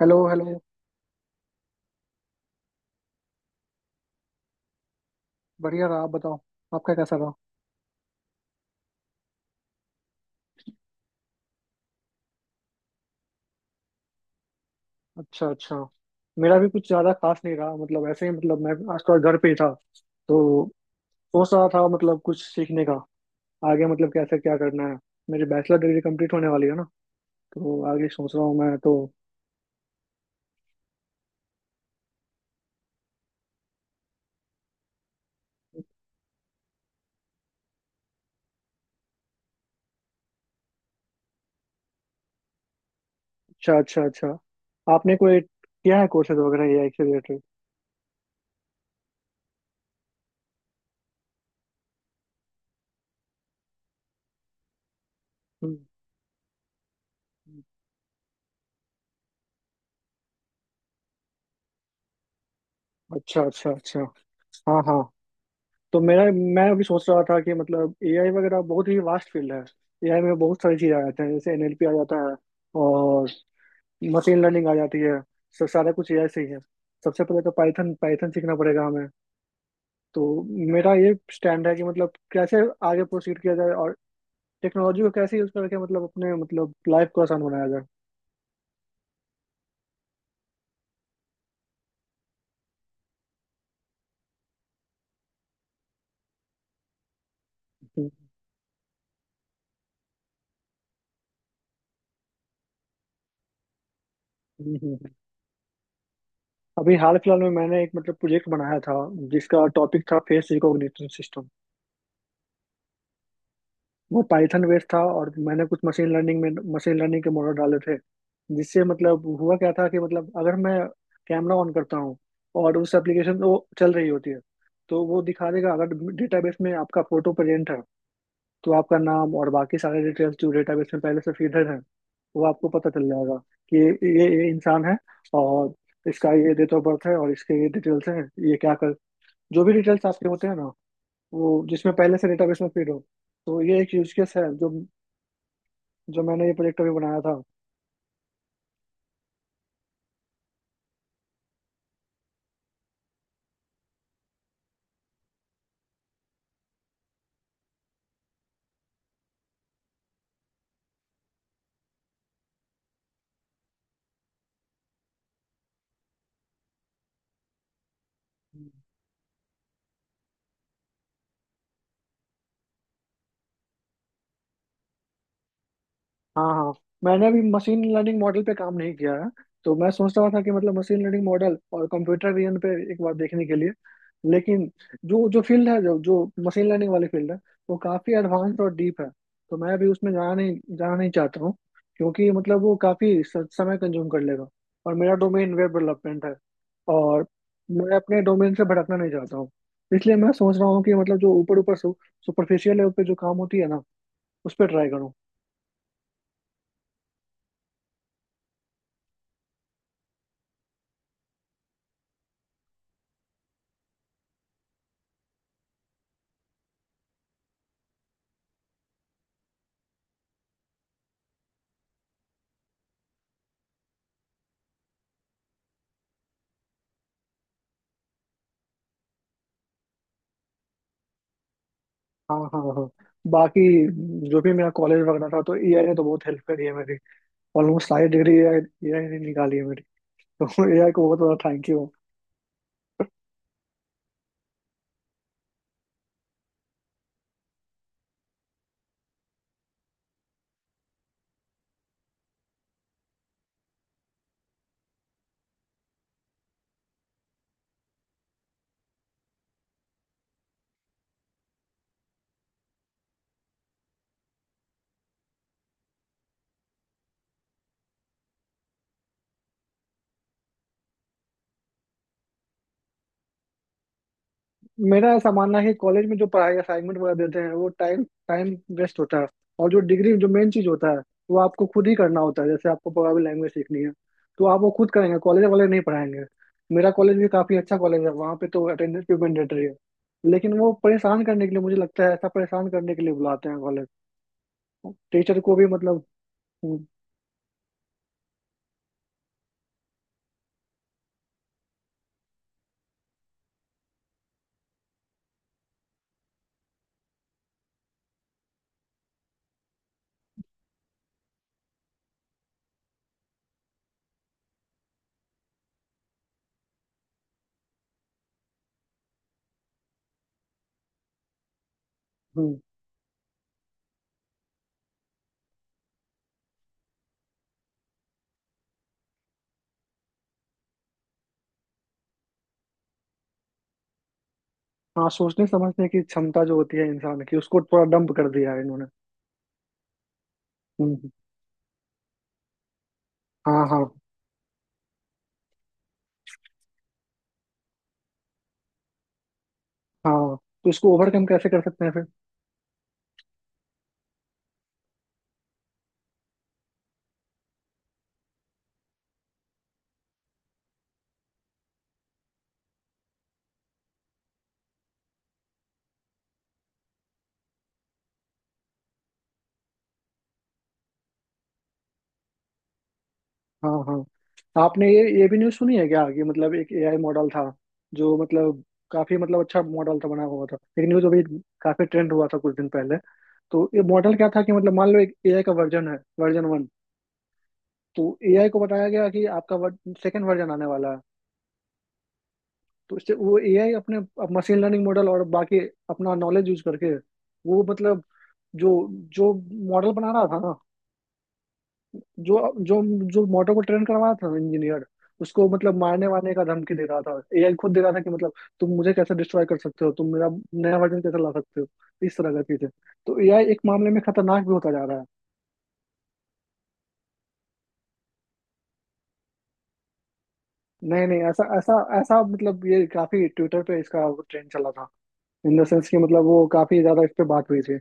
Hello, hello. बढ़िया रहा, आप बताओ, आपका कैसा रहा? अच्छा, अच्छा। मेरा भी कुछ ज्यादा खास नहीं रहा, मतलब ऐसे ही। मतलब मैं आज थोड़ा घर पे ही था, तो सोच रहा था मतलब कुछ सीखने का, आगे मतलब कैसे क्या करना है। मेरी बैचलर डिग्री कंप्लीट होने वाली है ना, तो आगे सोच रहा हूँ मैं तो। अच्छा, अच्छा, अच्छा। आपने कोई किया है कोर्सेज वगैरह एआई से रिलेटेड? हम्म, हम्म। अच्छा, अच्छा, अच्छा। हाँ, हाँ। तो मेरा मैं अभी सोच रहा था कि मतलब एआई वगैरह बहुत ही वास्ट फील्ड है। एआई में बहुत सारी चीज़ें आ जाती हैं, जैसे एनएलपी आ जाता है और मशीन लर्निंग आ जाती है। सब सारा कुछ एआई से ही है। सबसे पहले तो पाइथन पाइथन सीखना पड़ेगा हमें। तो मेरा ये स्टैंड है कि मतलब कैसे आगे प्रोसीड किया जाए और टेक्नोलॉजी को कैसे यूज करके मतलब अपने मतलब लाइफ को आसान बनाया जाए। हम्म, हम्म, हम्म। अभी हाल फिलहाल में मैंने एक मतलब प्रोजेक्ट बनाया था, जिसका टॉपिक था फेस रिकॉग्निशन सिस्टम। वो पाइथन बेस्ड था और मैंने कुछ मशीन लर्निंग के मॉडल डाले थे। जिससे मतलब हुआ क्या था कि मतलब अगर मैं कैमरा ऑन करता हूँ और उस एप्लीकेशन वो चल रही होती है, तो वो दिखा देगा अगर डेटाबेस में आपका फोटो प्रेजेंट है, तो आपका नाम और बाकी सारे डिटेल्स जो डेटाबेस में पहले से फीडर हैं वो आपको पता चल जाएगा कि ये इंसान है और इसका ये डेट ऑफ बर्थ है और इसके ये डिटेल्स हैं। ये क्या कर, जो भी डिटेल्स आपके होते हैं ना, वो जिसमें पहले से डेटाबेस में फीड हो। तो ये एक यूज केस है जो जो मैंने ये प्रोजेक्ट अभी बनाया था। हम्म। हाँ, हाँ। मैंने अभी मशीन लर्निंग मॉडल पे काम नहीं किया है, तो मैं सोच रहा था कि मतलब मशीन लर्निंग मॉडल और कंप्यूटर विजन पे एक बार देखने के लिए। लेकिन जो जो फील्ड है, जो जो मशीन लर्निंग वाली फील्ड है, वो काफ़ी एडवांस और डीप है। तो मैं अभी उसमें जाना नहीं चाहता हूँ, क्योंकि मतलब वो काफ़ी समय कंज्यूम कर लेगा और मेरा डोमेन वेब डेवलपमेंट है। और मैं अपने डोमेन से भटकना नहीं चाहता हूँ। इसलिए मैं सोच रहा हूँ कि मतलब जो ऊपर ऊपर सुपरफिशियल लेवल पे जो काम होती है ना, उस पर ट्राई करूँ। हाँ, हाँ, हाँ। बाकी जो भी मेरा कॉलेज वगैरह था, तो एआई ने तो बहुत हेल्प करी है मेरी। ऑलमोस्ट सारी डिग्री एआई एआई ने निकाली है मेरी तो एआई को बहुत बड़ा थैंक यू। मेरा ऐसा मानना है कि कॉलेज में जो पढ़ाई असाइनमेंट वगैरह देते हैं, वो टाइम टाइम वेस्ट होता है। और जो डिग्री, जो मेन चीज होता है, वो आपको खुद ही करना होता है। जैसे आपको प्रोग्रामिंग लैंग्वेज सीखनी है, तो आप वो खुद करेंगे, कॉलेज वाले नहीं पढ़ाएंगे। मेरा कॉलेज भी काफी अच्छा कॉलेज है, वहाँ पे तो अटेंडेंस भी मैंडेटरी है। लेकिन वो परेशान करने के लिए, मुझे लगता है ऐसा परेशान करने के लिए बुलाते हैं कॉलेज, टीचर को भी मतलब। हम्म, हम्म। हाँ, सोचने समझने की क्षमता जो होती है इंसान की, उसको थोड़ा डंप कर दिया है इन्होंने। हम्म। हाँ, हाँ, हाँ। तो इसको ओवरकम कैसे कर सकते हैं फिर? हाँ, हाँ। आपने ये भी न्यूज़ सुनी है क्या कि मतलब एक एआई मॉडल था, जो मतलब काफी मतलब अच्छा मॉडल था बना हुआ था। एक न्यूज़ अभी काफी ट्रेंड हुआ था कुछ दिन पहले। तो ये मॉडल क्या था कि मतलब मान लो एक एआई का वर्जन है, वर्जन 1। तो एआई को बताया गया कि आपका सेकंड वर्जन आने वाला है। तो उससे वो एआई अपने मशीन लर्निंग मॉडल और बाकी अपना नॉलेज यूज करके, वो मतलब जो जो मॉडल बना रहा था ना, जो जो जो मॉडल को ट्रेन करवा रहा था इंजीनियर, उसको मतलब मारने वारने का धमकी दे रहा था। एआई खुद दे रहा था कि मतलब तुम मुझे कैसे डिस्ट्रॉय कर सकते हो, तुम मेरा नया वर्जन कैसे ला सकते हो, इस तरह का चीजें। तो एआई एक मामले में खतरनाक भी होता जा रहा है। नहीं, नहीं। ऐसा ऐसा ऐसा मतलब, ये काफी ट्विटर पे इसका ट्रेंड चला था। इन द सेंस कि मतलब वो काफी ज्यादा इस पे बात हुई थी।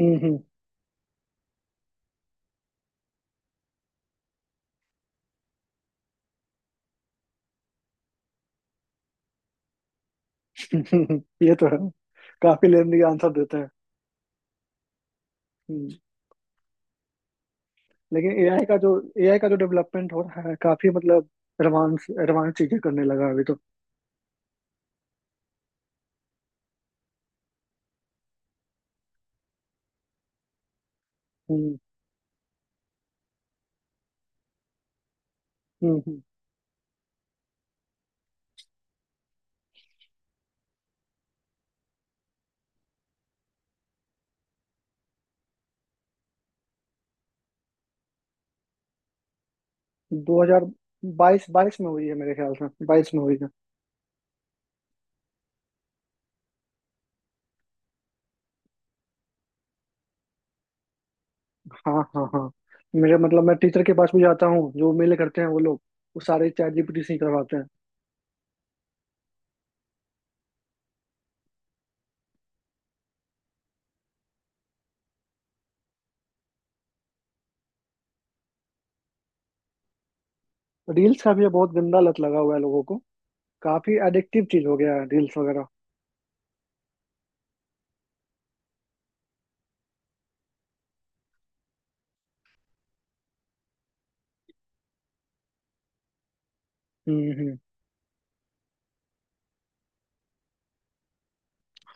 हम्म, हम्म। ये तो है, काफी लेंदी आंसर देते हैं। हम्म। लेकिन एआई का जो, एआई का जो डेवलपमेंट हो रहा है, काफी मतलब एडवांस एडवांस चीजें करने लगा है अभी तो। हम्म, हम्म, दो हजार बाईस बाईस में हुई है मेरे ख्याल से, 2022 में हुई है। हाँ, हाँ, हाँ। मेरे मतलब मैं टीचर के पास भी जाता हूँ, जो मेले करते हैं वो लोग। वो सारे चैट जीपीटी से ही करवाते हैं। रील्स का भी ये बहुत गंदा लत लगा हुआ है लोगों को। काफी एडिक्टिव चीज हो गया है रील्स वगैरह। हम्म, हम्म।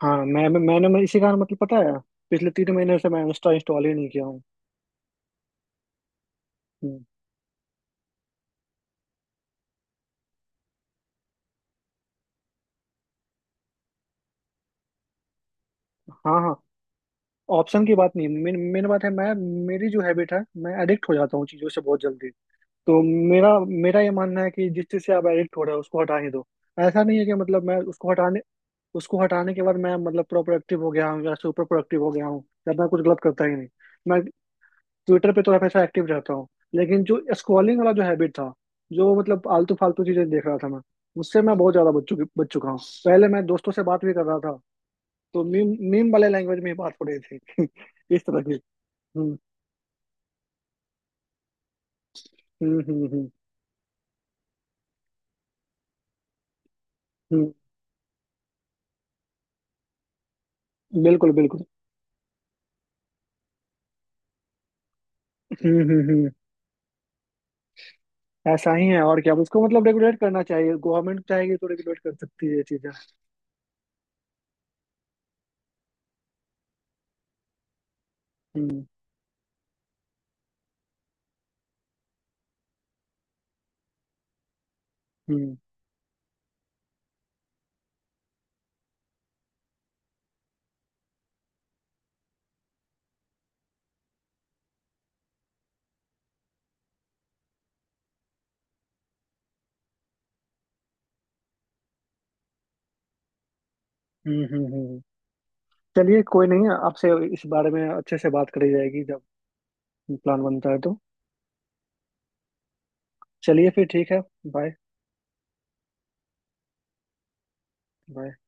हाँ, मैं- मैंने मैं इसी कारण, मतलब पता है, पिछले 3 महीने से मैं इंस्टा इंस्टॉल ही नहीं किया हूँ। हम्म। हाँ, हाँ। ऑप्शन की बात नहीं, मेन मेन बात है। मैं मेरी जो हैबिट है, मैं एडिक्ट हो जाता हूँ चीज़ों से बहुत जल्दी। तो मेरा मेरा ये मानना है कि जिस चीज़ से आप एडिक्ट हो रहे हो उसको हटा ही दो। ऐसा नहीं है कि मतलब मैं उसको हटाने के बाद मैं मतलब प्रोडक्टिव हो गया हूँ या सुपर प्रोडक्टिव हो गया हूँ या मैं कुछ गलत करता ही नहीं। मैं ट्विटर पे तो हमेशा एक्टिव रहता हूँ। लेकिन जो स्क्रॉलिंग वाला जो हैबिट था, जो मतलब आलतू फालतू चीजें देख रहा था मैं, उससे मैं बहुत ज्यादा बच चुका हूँ। पहले मैं दोस्तों से बात भी कर रहा था तो मीम मीम वाले लैंग्वेज में ही बात हो रही थी इस तरह की। हम्म, हम्म, हम्म। हम्म, हम्म। बिल्कुल, बिल्कुल। हम्म, हम्म, हम्म। ऐसा ही है। और क्या उसको मतलब रेगुलेट करना चाहिए, गवर्नमेंट चाहेगी तो रेगुलेट कर सकती है ये चीजें। हम्म, हम्म, हम्म। हम्म, चलिए, कोई नहीं, आपसे इस बारे में अच्छे से बात करी जाएगी जब प्लान बनता है तो। चलिए फिर, ठीक है। बाय। बाय।